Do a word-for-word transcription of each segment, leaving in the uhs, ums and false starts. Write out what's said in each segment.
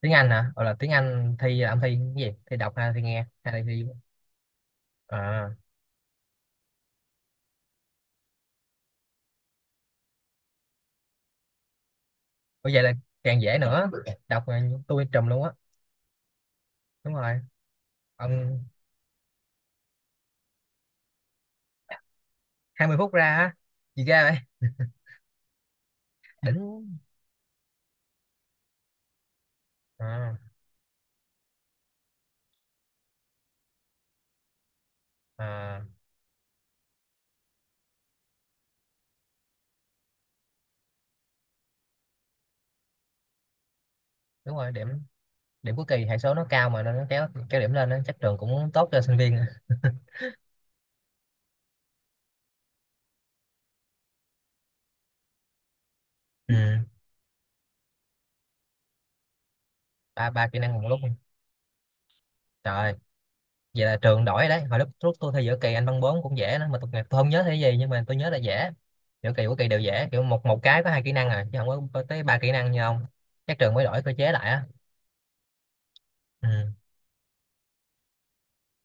Tiếng Anh hả? Hoặc là tiếng Anh thi, là ông thi cái gì? Thi đọc hay là thi nghe hay là thi... À có, vậy là càng dễ nữa. Đọc là tôi trùm luôn á. Đúng rồi ông. hai mươi phút ra á? Gì ra vậy? Đỉnh. À, à, đúng rồi, điểm điểm cuối kỳ hệ số nó cao mà nên nó kéo kéo điểm lên á, chắc trường cũng tốt cho sinh viên. Ừ. ba ba kỹ năng một lúc, trời. Vậy là trường đổi đấy. Hồi lúc lúc tôi thi giữa kỳ anh văn bốn cũng dễ đó, mà tôi, tôi không nhớ thi gì nhưng mà tôi nhớ là dễ. Giữa kỳ của kỳ đều dễ, kiểu một một cái có hai kỹ năng à chứ không có có tới ba kỹ năng như ông. Chắc trường mới đổi cơ chế lại á. Ừ.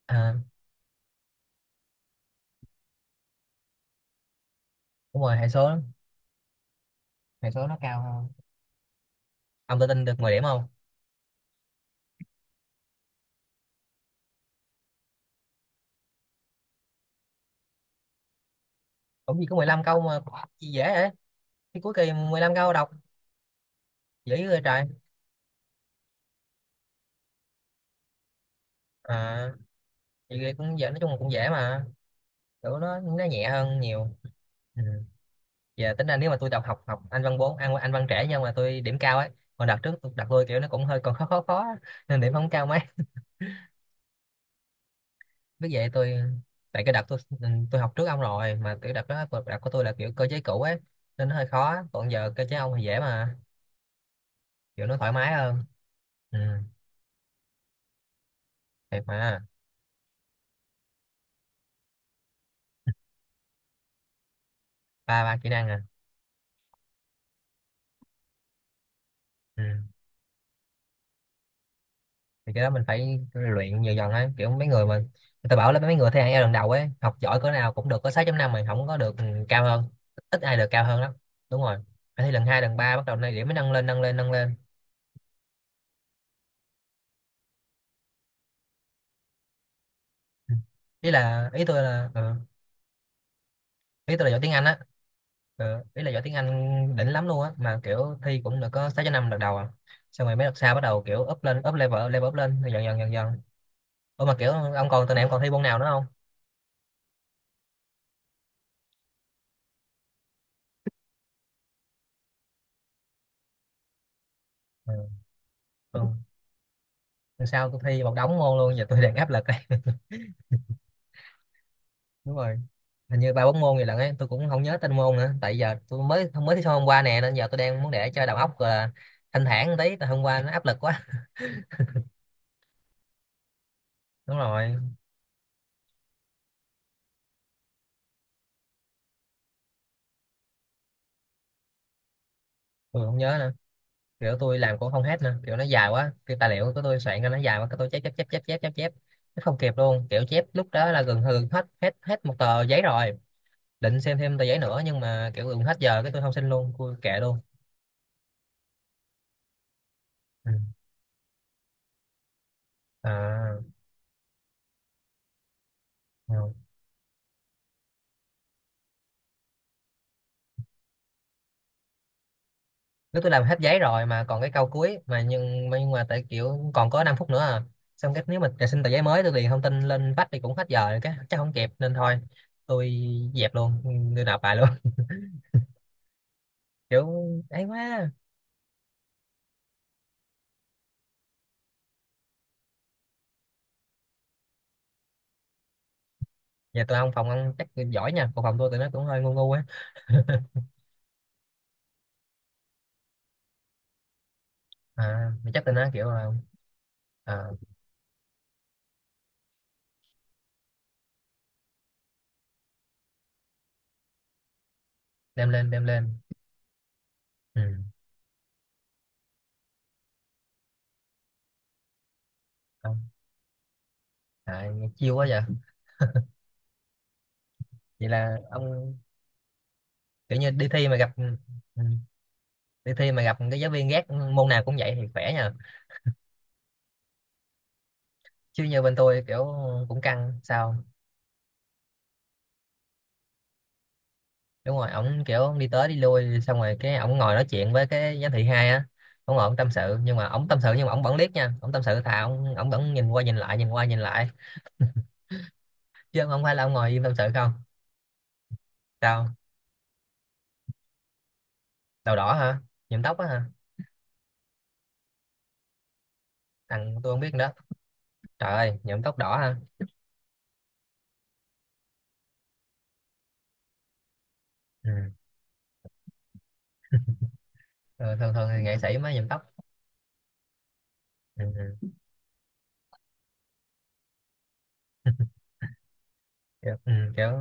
À, đúng rồi, hệ số hệ số nó cao hơn. Ông tự tin được mười điểm không? Cũng gì có mười lăm câu mà? Gì dễ vậy? Cái cuối kỳ mười lăm câu đọc, dễ rồi trời. À vậy cũng dễ, nói chung là cũng dễ mà. Kiểu nó nó nhẹ hơn nhiều. Ừ. Giờ tính ra nếu mà tôi đọc học học anh văn bốn, anh anh văn trẻ nhưng mà tôi điểm cao ấy. Còn đợt trước tôi đặt tôi kiểu nó cũng hơi còn khó khó khó á, nên điểm không cao mấy. Biết vậy tôi... Tại cái đợt tôi ừ, tôi học trước ông rồi mà, kiểu đợt đó đợt của tôi là kiểu cơ chế cũ ấy. Nên nó hơi khó, còn giờ cơ chế ông thì dễ mà, kiểu nó thoải mái hơn. Ừ, thiệt mà. Ba ba kỹ năng à? Ừ. Thì cái đó mình phải luyện dần dần ấy, kiểu mấy người mà người ta bảo là mấy người thi IELTS lần đầu ấy, học giỏi cỡ nào cũng được có sáu chấm năm mà không có được ừ, cao hơn. Ít ai được cao hơn lắm. Đúng rồi, phải thi lần hai lần ba bắt đầu này điểm mới nâng lên nâng lên nâng lên. Ừ. ý là ý tôi là ờ, Ý tôi là giỏi tiếng Anh á. Ờ, ý là giỏi tiếng Anh đỉnh lắm luôn á mà kiểu thi cũng được có sáu chấm năm lần đầu à? Xong rồi mấy đợt sau bắt đầu kiểu up lên, up level, level up lên dần dần dần dần. Ủa mà kiểu ông còn tuần này, em còn thi môn nào nữa không? Ừ. Ừ. Sao tôi thi một đống môn luôn, giờ tôi đang áp lực đây. Đúng rồi. Hình như ba bốn môn gì lận ấy, tôi cũng không nhớ tên môn nữa, tại giờ tôi mới mới thi xong hôm qua nè, nên giờ tôi đang muốn để cho đầu óc uh, thanh thản tí, tại hôm qua nó áp lực quá. Đúng rồi, tôi không nhớ nữa, kiểu tôi làm cũng không hết nữa, kiểu nó dài quá, cái tài liệu của tôi soạn ra nó dài quá cái tôi chép chép chép chép chép chép chép. Nó không kịp luôn, kiểu chép lúc đó là gần hư hết hết hết một tờ giấy rồi. Định xem thêm tờ giấy nữa nhưng mà kiểu gần hết giờ cái tôi không xin luôn, tôi kệ luôn. Ừ. À. Ừ. Nếu tôi làm hết giấy rồi mà còn cái câu cuối mà, nhưng mà, nhưng mà tại kiểu còn có năm phút nữa à. Xong cái nếu mà xin tờ giấy mới tôi điền thông tin lên vách thì cũng hết giờ rồi, cái chắc không kịp nên thôi tôi dẹp luôn, tôi nộp bài luôn. Kiểu ấy quá. Giờ tôi không, phòng ông chắc giỏi nha, còn phòng tôi tụi nó cũng hơi ngu ngu á. À mà chắc tụi nó kiểu là, à, đem lên đem lên. Ừ không, à, chiêu quá vậy. Vậy là ông... Kiểu như đi thi mà gặp ừ, ừ, đi thi mà gặp cái giáo viên ghét môn nào cũng vậy thì khỏe nhờ. Chứ như bên tôi kiểu cũng căng sao? Đúng rồi, ổng kiểu đi tới đi lui xong rồi cái ổng ngồi nói chuyện với cái giám thị hai á. Ổng ngồi ổng tâm sự nhưng mà ổng tâm sự nhưng mà ổng vẫn liếc nha, ổng tâm sự thà ổng ổng vẫn nhìn qua nhìn lại nhìn qua nhìn lại. Chứ không phải là ổng ngồi im tâm sự không. Sao? Đầu đỏ hả? Nhuộm tóc á hả? Thằng... tôi không biết nữa. Trời ơi nhuộm tóc đỏ hả? Ừ. Ờ, thường thường thì nghệ sĩ mới nhuộm tóc. Ừ. Ừ. Kiểu, ừ. Kiểu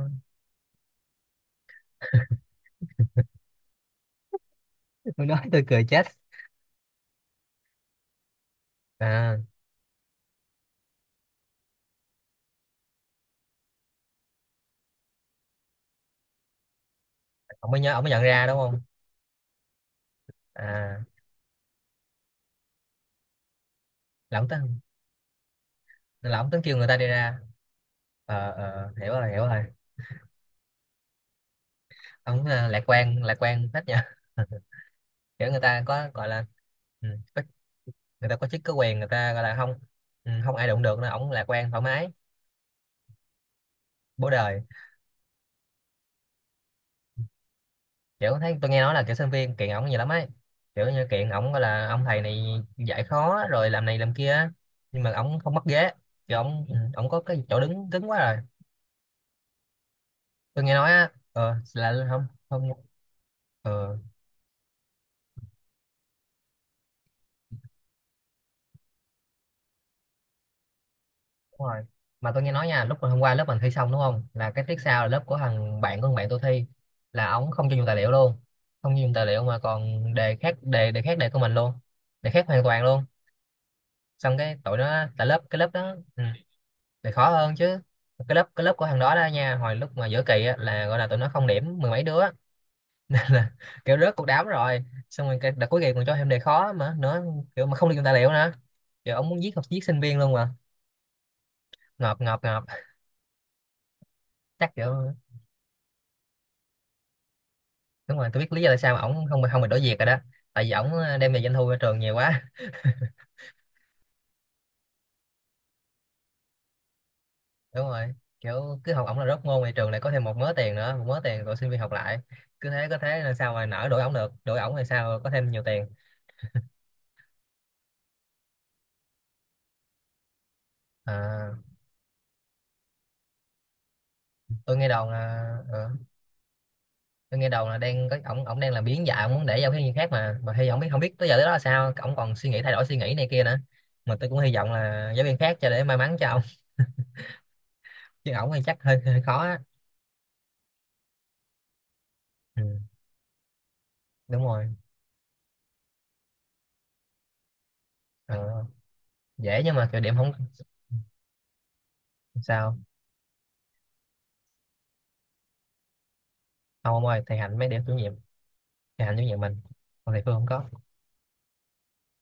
tôi nói tôi cười chết. À ổng mới nhớ, ổng mới nhận ra đúng không? À, là ổng tính... là ổng tính kêu người ta đi ra. Ờ ờ, hiểu rồi, hiểu rồi. Ông ờ, lạc quan lạc quan hết nha. Kiểu người ta có gọi là ừ, có- người ta có chức có quyền người ta gọi là không? Ừ, không ai đụng được nên ổng lạc quan thoải mái bố đời. Kiểu thấy tôi nghe nói là kiểu sinh viên kiện ổng nhiều lắm ấy, kiểu như kiện ổng gọi là ông thầy này dạy khó rồi làm này làm kia á. Nhưng mà ổng không mất ghế, kiểu ổng ừ, ổng có cái chỗ đứng cứng quá rồi. Tôi nghe nói á ờ là không không ờ. Đúng rồi. Mà tôi nghe nói nha, lúc mà hôm qua lớp mình thi xong đúng không? Là cái tiết sau là lớp của thằng bạn của thằng bạn tôi thi, là ổng không cho dùng tài liệu luôn. Không cho dùng tài liệu mà còn đề khác đề đề khác đề của mình luôn. Đề khác hoàn toàn luôn. Xong cái tụi nó tại lớp cái lớp đó ừ, đề khó hơn chứ. Cái lớp cái lớp của thằng đó đó nha, hồi lúc mà giữa kỳ á, là gọi là tụi nó không điểm mười mấy đứa. Là kiểu rớt cuộc đám rồi. Xong rồi cái đợt cuối kỳ còn cho thêm đề khó mà nữa, kiểu mà không được dùng tài liệu nữa. Kiểu ông muốn giết học giết sinh viên luôn mà. Ngợp ngợp ngợp, chắc kiểu... Đúng rồi, tôi biết lý do tại sao mà ổng không không bị đổi việc rồi đó. Tại vì ổng ờ, đem về doanh thu cho trường nhiều quá. Đúng rồi, kiểu cứ học ổng là rớt môn thì trường lại có thêm một mớ tiền nữa, một mớ tiền rồi sinh viên học lại, cứ thế có thế, là sao mà nỡ đuổi ổng được, đuổi ổng thì sao có thêm nhiều tiền. À, tôi nghe đồn là ờ, tôi nghe đồn là đang có ổng ổng đang làm biến dạng, ổng muốn để giao cái viên khác, mà mà hy vọng biết, không biết tới giờ tới đó là sao ổng còn suy nghĩ thay đổi suy nghĩ này kia nữa. Mà tôi cũng hy vọng là giáo viên khác cho để may mắn cho ổng, chứ ổng thì chắc hơi, hơi khó á. Ừ, đúng rồi. Ờ, dễ nhưng mà kiểu điểm không. Sao? Không ông ơi, thầy Hạnh mới để chủ nhiệm. Thầy Hạnh chủ nhiệm mình, còn thầy Phương không có.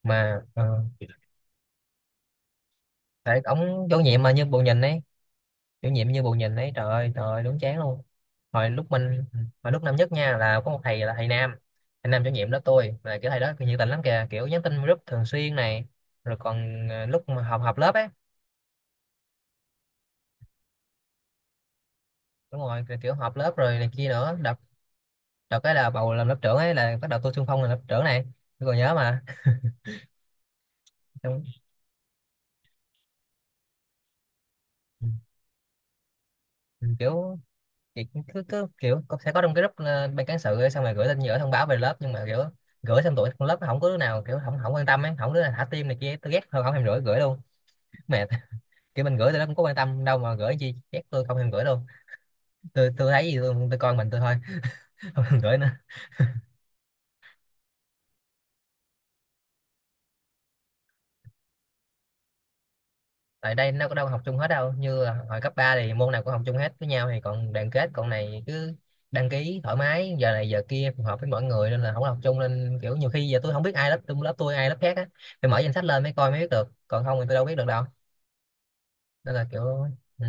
Mà ờ, tại ông chủ nhiệm mà như bù nhìn ấy, chủ nhiệm như bù nhìn ấy, trời ơi trời ơi đúng chán luôn. hồi lúc mình Hồi lúc năm nhất nha, là có một thầy là thầy Nam. Thầy Nam chủ nhiệm lớp tôi, là kiểu thầy đó nhiệt tình lắm kìa, kiểu nhắn tin group thường xuyên này, rồi còn ờ, lúc mà họp họp lớp ấy. Đúng rồi, kiểu, kiểu họp lớp rồi này kia nữa đợt. Đợt cái là bầu làm lớp trưởng ấy là bắt đầu tôi xung phong làm lớp trưởng này, tôi còn nhớ mà. Xong, ừ, kiểu chị cứ cứ kiểu có- sẽ có trong cái group ờ, ban cán sự ấy, xong rồi gửi tin gửi thông báo về lớp nhưng mà kiểu... Gửi xong tụi con lớp nó không có đứa nào kiểu không không quan tâm ấy, không đứa nào thả tim này kia, tôi ghét hơn không thèm gửi gửi luôn. Mệt. Kiểu mình gửi tôi nó cũng có quan tâm đâu mà gửi chi, ghét tôi không thèm gửi luôn, tôi tôi thấy gì tôi, tôi coi mình tôi thôi. Không thèm gửi nữa. Tại đây nó có đâu học chung hết đâu, như là hồi cấp ba thì môn nào cũng học chung hết với nhau thì còn đoàn kết còn này cứ... Đăng ký thoải mái giờ này giờ kia phù hợp với mọi người, nên là không có học chung nên kiểu nhiều khi giờ tôi không biết ai lớp tôi lớp tôi ai lớp khác á. Phải mở danh sách lên mới coi mới biết được, còn không thì tôi đâu biết được đâu. Nên là kiểu. Ừ.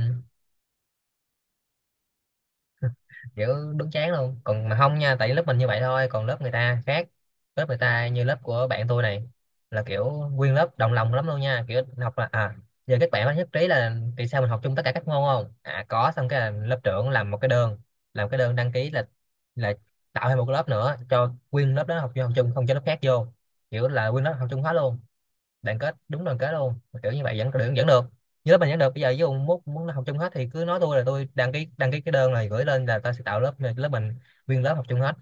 Kiểu đúng chán luôn. Còn mà không nha tại lớp mình như vậy thôi, còn lớp người ta khác. Lớp người ta như lớp của bạn tôi này, là kiểu... Nguyên lớp đồng lòng lắm luôn nha, kiểu học là à giờ các bạn có nhất trí là vì sao mình học chung tất cả các môn không? À có. Xong cái là lớp trưởng làm một cái đơn. Làm cái đơn đăng ký là là tạo thêm một cái lớp nữa cho nguyên lớp đó học chung, học chung không cho lớp khác vô. Kiểu là nguyên lớp học chung hết luôn. Đoàn kết, đúng đoàn kết luôn. Kiểu như vậy vẫn vẫn, vẫn được. Nhớ mình vẫn được bây giờ với ông, muốn muốn học chung hết thì cứ nói tôi là tôi đăng ký đăng ký cái đơn này gửi lên là ta sẽ tạo lớp lớp mình. Nguyên lớp học chung hết.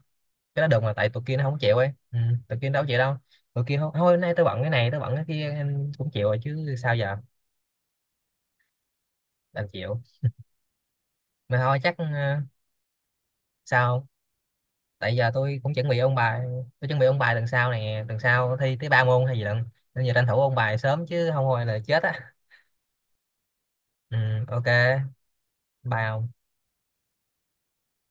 Cái đó được mà, tại tụi kia nó không chịu ấy ừ. Tụi kia đâu chịu đâu. Tụi kia thôi thôi hôm nay tôi bận cái này, tôi bận cái kia, em cũng chịu rồi chứ sao giờ, đành chịu. Mà thôi chắc ờ, sao, tại giờ tôi cũng chuẩn bị ôn bài, tôi chuẩn bị ôn bài lần sau này lần sau thi tới ba môn hay gì lận. Nên giờ tranh thủ ôn bài sớm chứ không thôi là chết á. Ừ, ok. Bài ông.